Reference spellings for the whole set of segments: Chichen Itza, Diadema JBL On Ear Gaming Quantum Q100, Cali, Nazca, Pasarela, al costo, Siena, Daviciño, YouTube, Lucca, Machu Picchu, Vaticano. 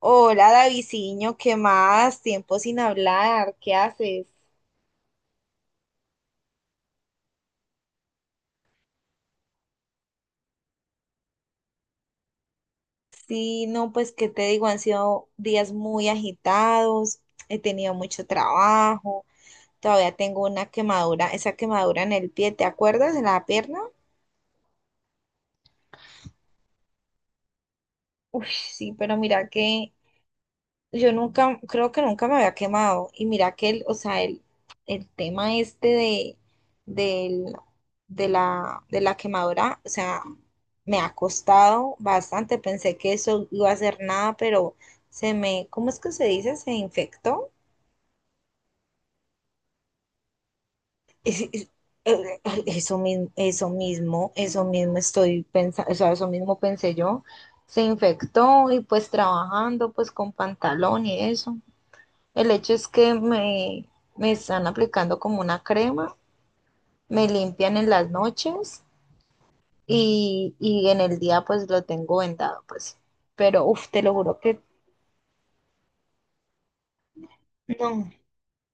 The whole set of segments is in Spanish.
Hola, Daviciño, ¿qué más? Tiempo sin hablar, ¿qué haces? Sí, no, pues, ¿qué te digo? Han sido días muy agitados, he tenido mucho trabajo, todavía tengo una quemadura, esa quemadura en el pie, ¿te acuerdas de la pierna? Uy, sí, pero mira que Yo nunca, creo que nunca me había quemado. Y mira que o sea, el tema este del, de la quemadura, o sea, me ha costado bastante. Pensé que eso iba a ser nada, pero ¿cómo es que se dice? Se infectó. Es- es- Eso mismo, eso mismo, eso mismo estoy pensando, o sea, eso mismo pensé yo. Se infectó y pues trabajando pues con pantalón y eso. El hecho es que me están aplicando como una crema, me limpian en las noches y en el día pues lo tengo vendado, pues. Pero uf, te lo juro que no,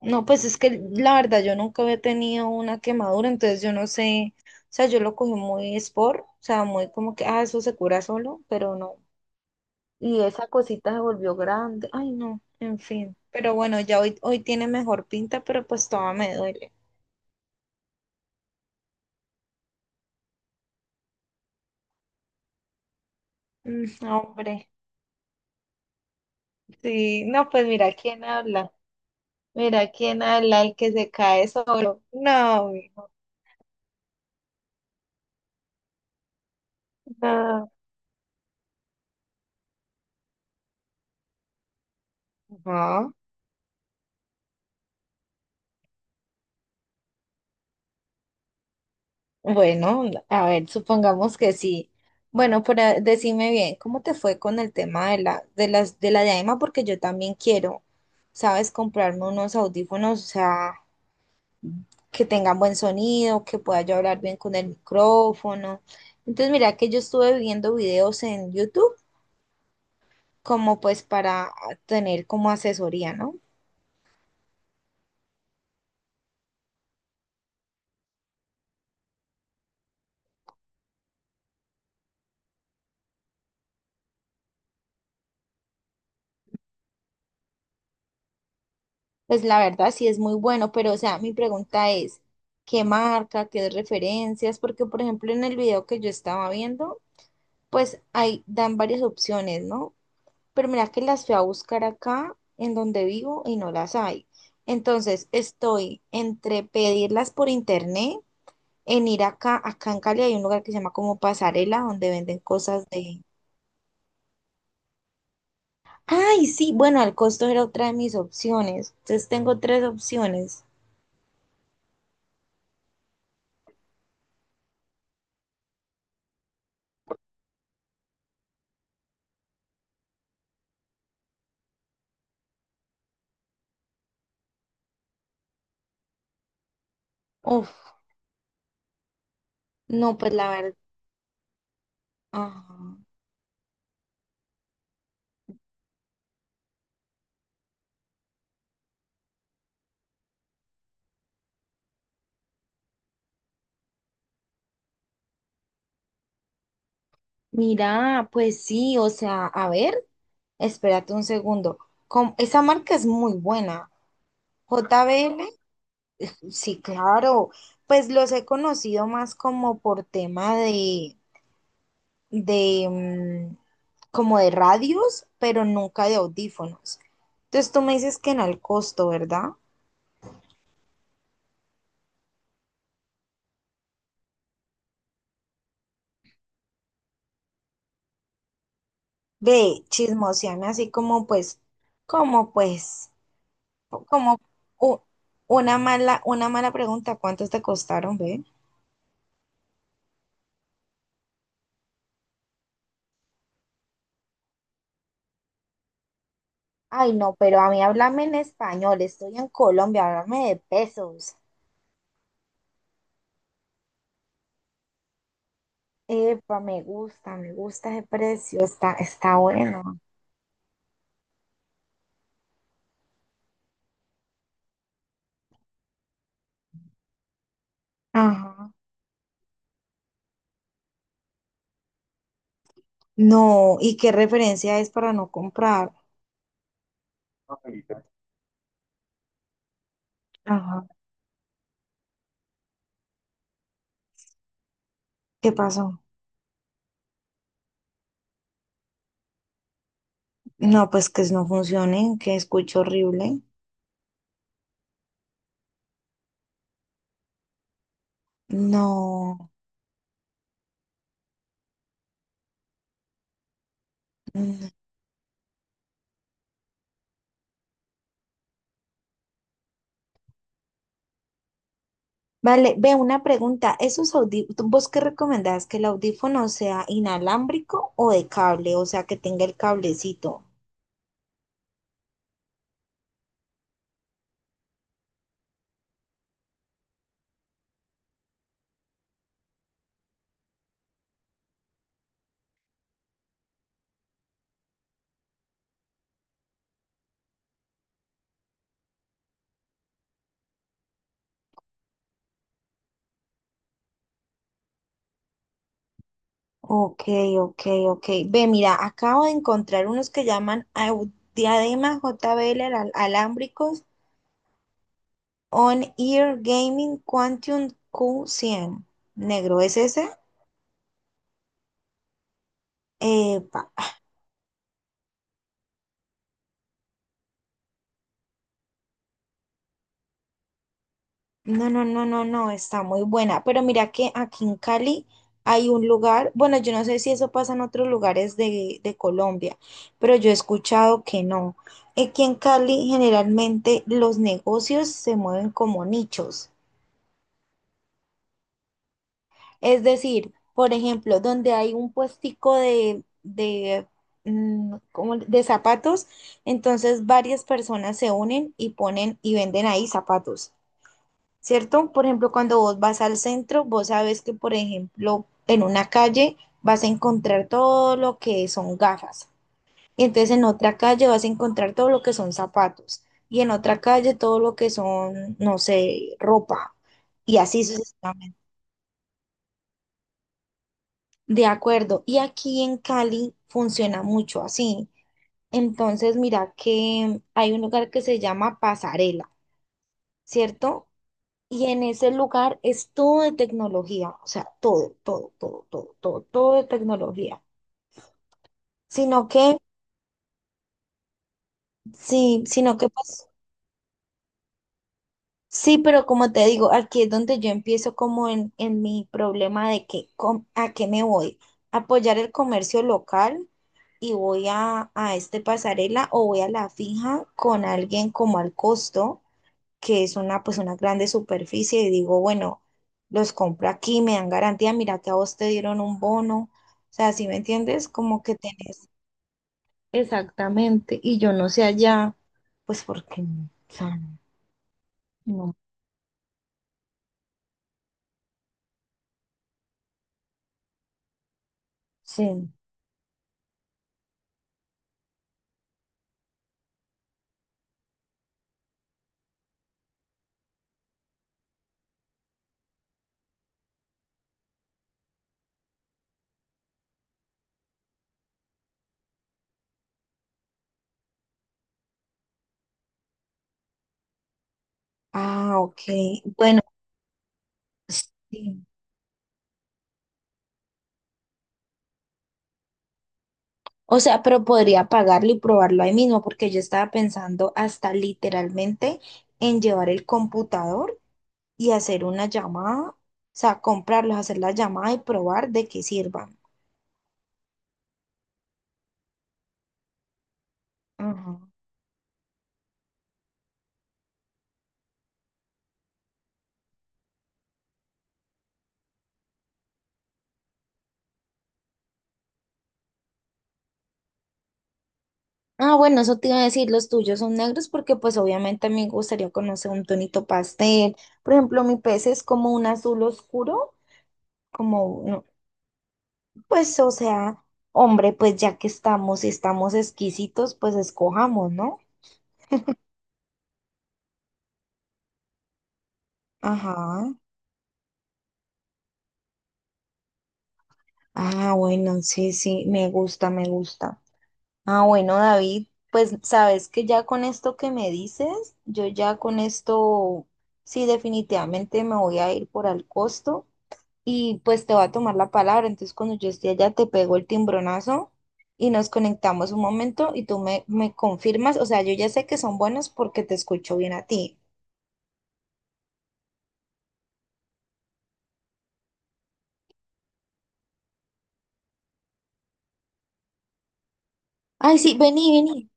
no, pues es que la verdad yo nunca había tenido una quemadura, entonces yo no sé, o sea, yo lo cogí muy sport, o sea, muy como que, ah, eso se cura solo, pero no. Y esa cosita se volvió grande, ay no, en fin. Pero bueno, ya hoy tiene mejor pinta, pero pues todavía me duele. Mm, hombre. Sí, no, pues mira quién habla. Mira quién habla, el que se cae solo. No, mijo, no. Ajá. Bueno, a ver, supongamos que sí. Bueno, pero decime bien, ¿cómo te fue con el tema de la diadema? Porque yo también quiero, ¿sabes? Comprarme unos audífonos, o sea, que tengan buen sonido, que pueda yo hablar bien con el micrófono. Entonces, mira que yo estuve viendo videos en YouTube como pues para tener como asesoría, ¿no? Pues la verdad sí es muy bueno, pero o sea, mi pregunta es, ¿qué marca, qué referencias? Porque por ejemplo en el video que yo estaba viendo, pues ahí dan varias opciones, ¿no? Pero mira que las fui a buscar acá en donde vivo y no las hay. Entonces estoy entre pedirlas por internet, en ir acá en Cali hay un lugar que se llama como Pasarela, donde venden cosas de... Ay, sí, bueno, el costo era otra de mis opciones. Entonces tengo tres opciones. Uf. No, pues la verdad. Ah, mira, pues sí, o sea, a ver, espérate un segundo. Esa marca es muy buena. J JBL, sí, claro. Pues los he conocido más como por tema de, como de radios, pero nunca de audífonos. Entonces tú me dices que en el costo, ¿verdad? Ve, chismoseame así como pues, como u- una mala pregunta, ¿cuántos te costaron, ve? Ay, no, pero a mí háblame en español, estoy en Colombia, háblame de pesos. Epa, me gusta ese precio, está bueno. Ajá. No, ¿y qué referencia es para no comprar? Ajá. ¿Qué pasó? No, pues que no funcionen, que escucho horrible. No. Mm. Vale, ve una pregunta, ¿esos audífonos, vos qué recomendás, que el audífono sea inalámbrico o de cable, o sea, que tenga el cablecito? Ok, ok, ok. Ve, mira, acabo de encontrar unos que llaman diadema JBL alámbricos On Ear Gaming Quantum Q100. Negro, ¿es ese? Epa. No, no, no, no, no, está muy buena. Pero mira que aquí en Cali hay un lugar, bueno, yo no sé si eso pasa en otros lugares de Colombia, pero yo he escuchado que no. Aquí en Cali generalmente los negocios se mueven como nichos. Es decir, por ejemplo, donde hay un puestico de, cómo de zapatos, entonces varias personas se unen y ponen y venden ahí zapatos, ¿cierto? Por ejemplo, cuando vos vas al centro, vos sabes que, por ejemplo, en una calle vas a encontrar todo lo que son gafas. Y entonces en otra calle vas a encontrar todo lo que son zapatos. Y en otra calle todo lo que son, no sé, ropa. Y así sucesivamente. De acuerdo, y aquí en Cali funciona mucho así. Entonces, mira que hay un lugar que se llama Pasarela, ¿cierto? Y en ese lugar es todo de tecnología, o sea, todo, todo, todo, todo, todo, todo de tecnología. Sino que, sí, sino que pues sí, pero como te digo, aquí es donde yo empiezo como en mi problema de que a qué me voy, apoyar el comercio local y voy a este pasarela o voy a la fija con alguien como al costo, que es una grande superficie y digo, bueno, los compro aquí, me dan garantía, mira que a vos te dieron un bono, o sea, ¿sí me entiendes? Como que tenés exactamente y yo no sé allá, pues porque, o sea, no sé. Ah, ok. Bueno, pues, sí. O sea, pero podría pagarlo y probarlo ahí mismo, porque yo estaba pensando hasta literalmente en llevar el computador y hacer una llamada, o sea, comprarlos, hacer la llamada y probar de qué sirvan. Ajá. Ah, bueno, eso te iba a decir, los tuyos son negros porque pues obviamente a mí me gustaría conocer un tonito pastel. Por ejemplo, mi pez es como un azul oscuro, como, no, pues, o sea, hombre, pues ya que estamos, si estamos exquisitos, pues escojamos, ¿no? Ajá. Ah, bueno, sí, sí, me gusta, me gusta. Ah, bueno, David, pues sabes que ya con esto que me dices, yo ya con esto, sí, definitivamente me voy a ir por al costo y pues te voy a tomar la palabra. Entonces, cuando yo esté allá, te pego el timbronazo y nos conectamos un momento y tú me confirmas. O sea, yo ya sé que son buenos porque te escucho bien a ti. Ay, sí, vení, vení.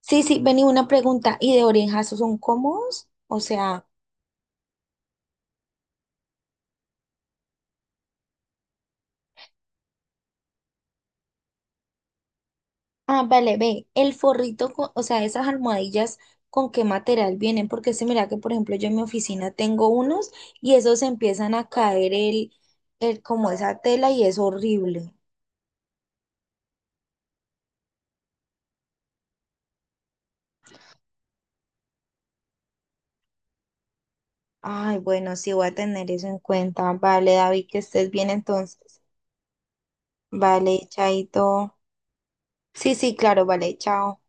Sí, sí, vení, una pregunta. ¿Y de orejas son cómodos? O sea, ah, vale, ve, el forrito, o sea, esas almohadillas, ¿con qué material vienen? Porque se mira que, por ejemplo, yo en mi oficina tengo unos y esos empiezan a caer el, como esa tela y es horrible. Ay, bueno, sí voy a tener eso en cuenta. Vale, David, que estés bien entonces. Vale, chaito. Sí, sí, claro, vale, chao.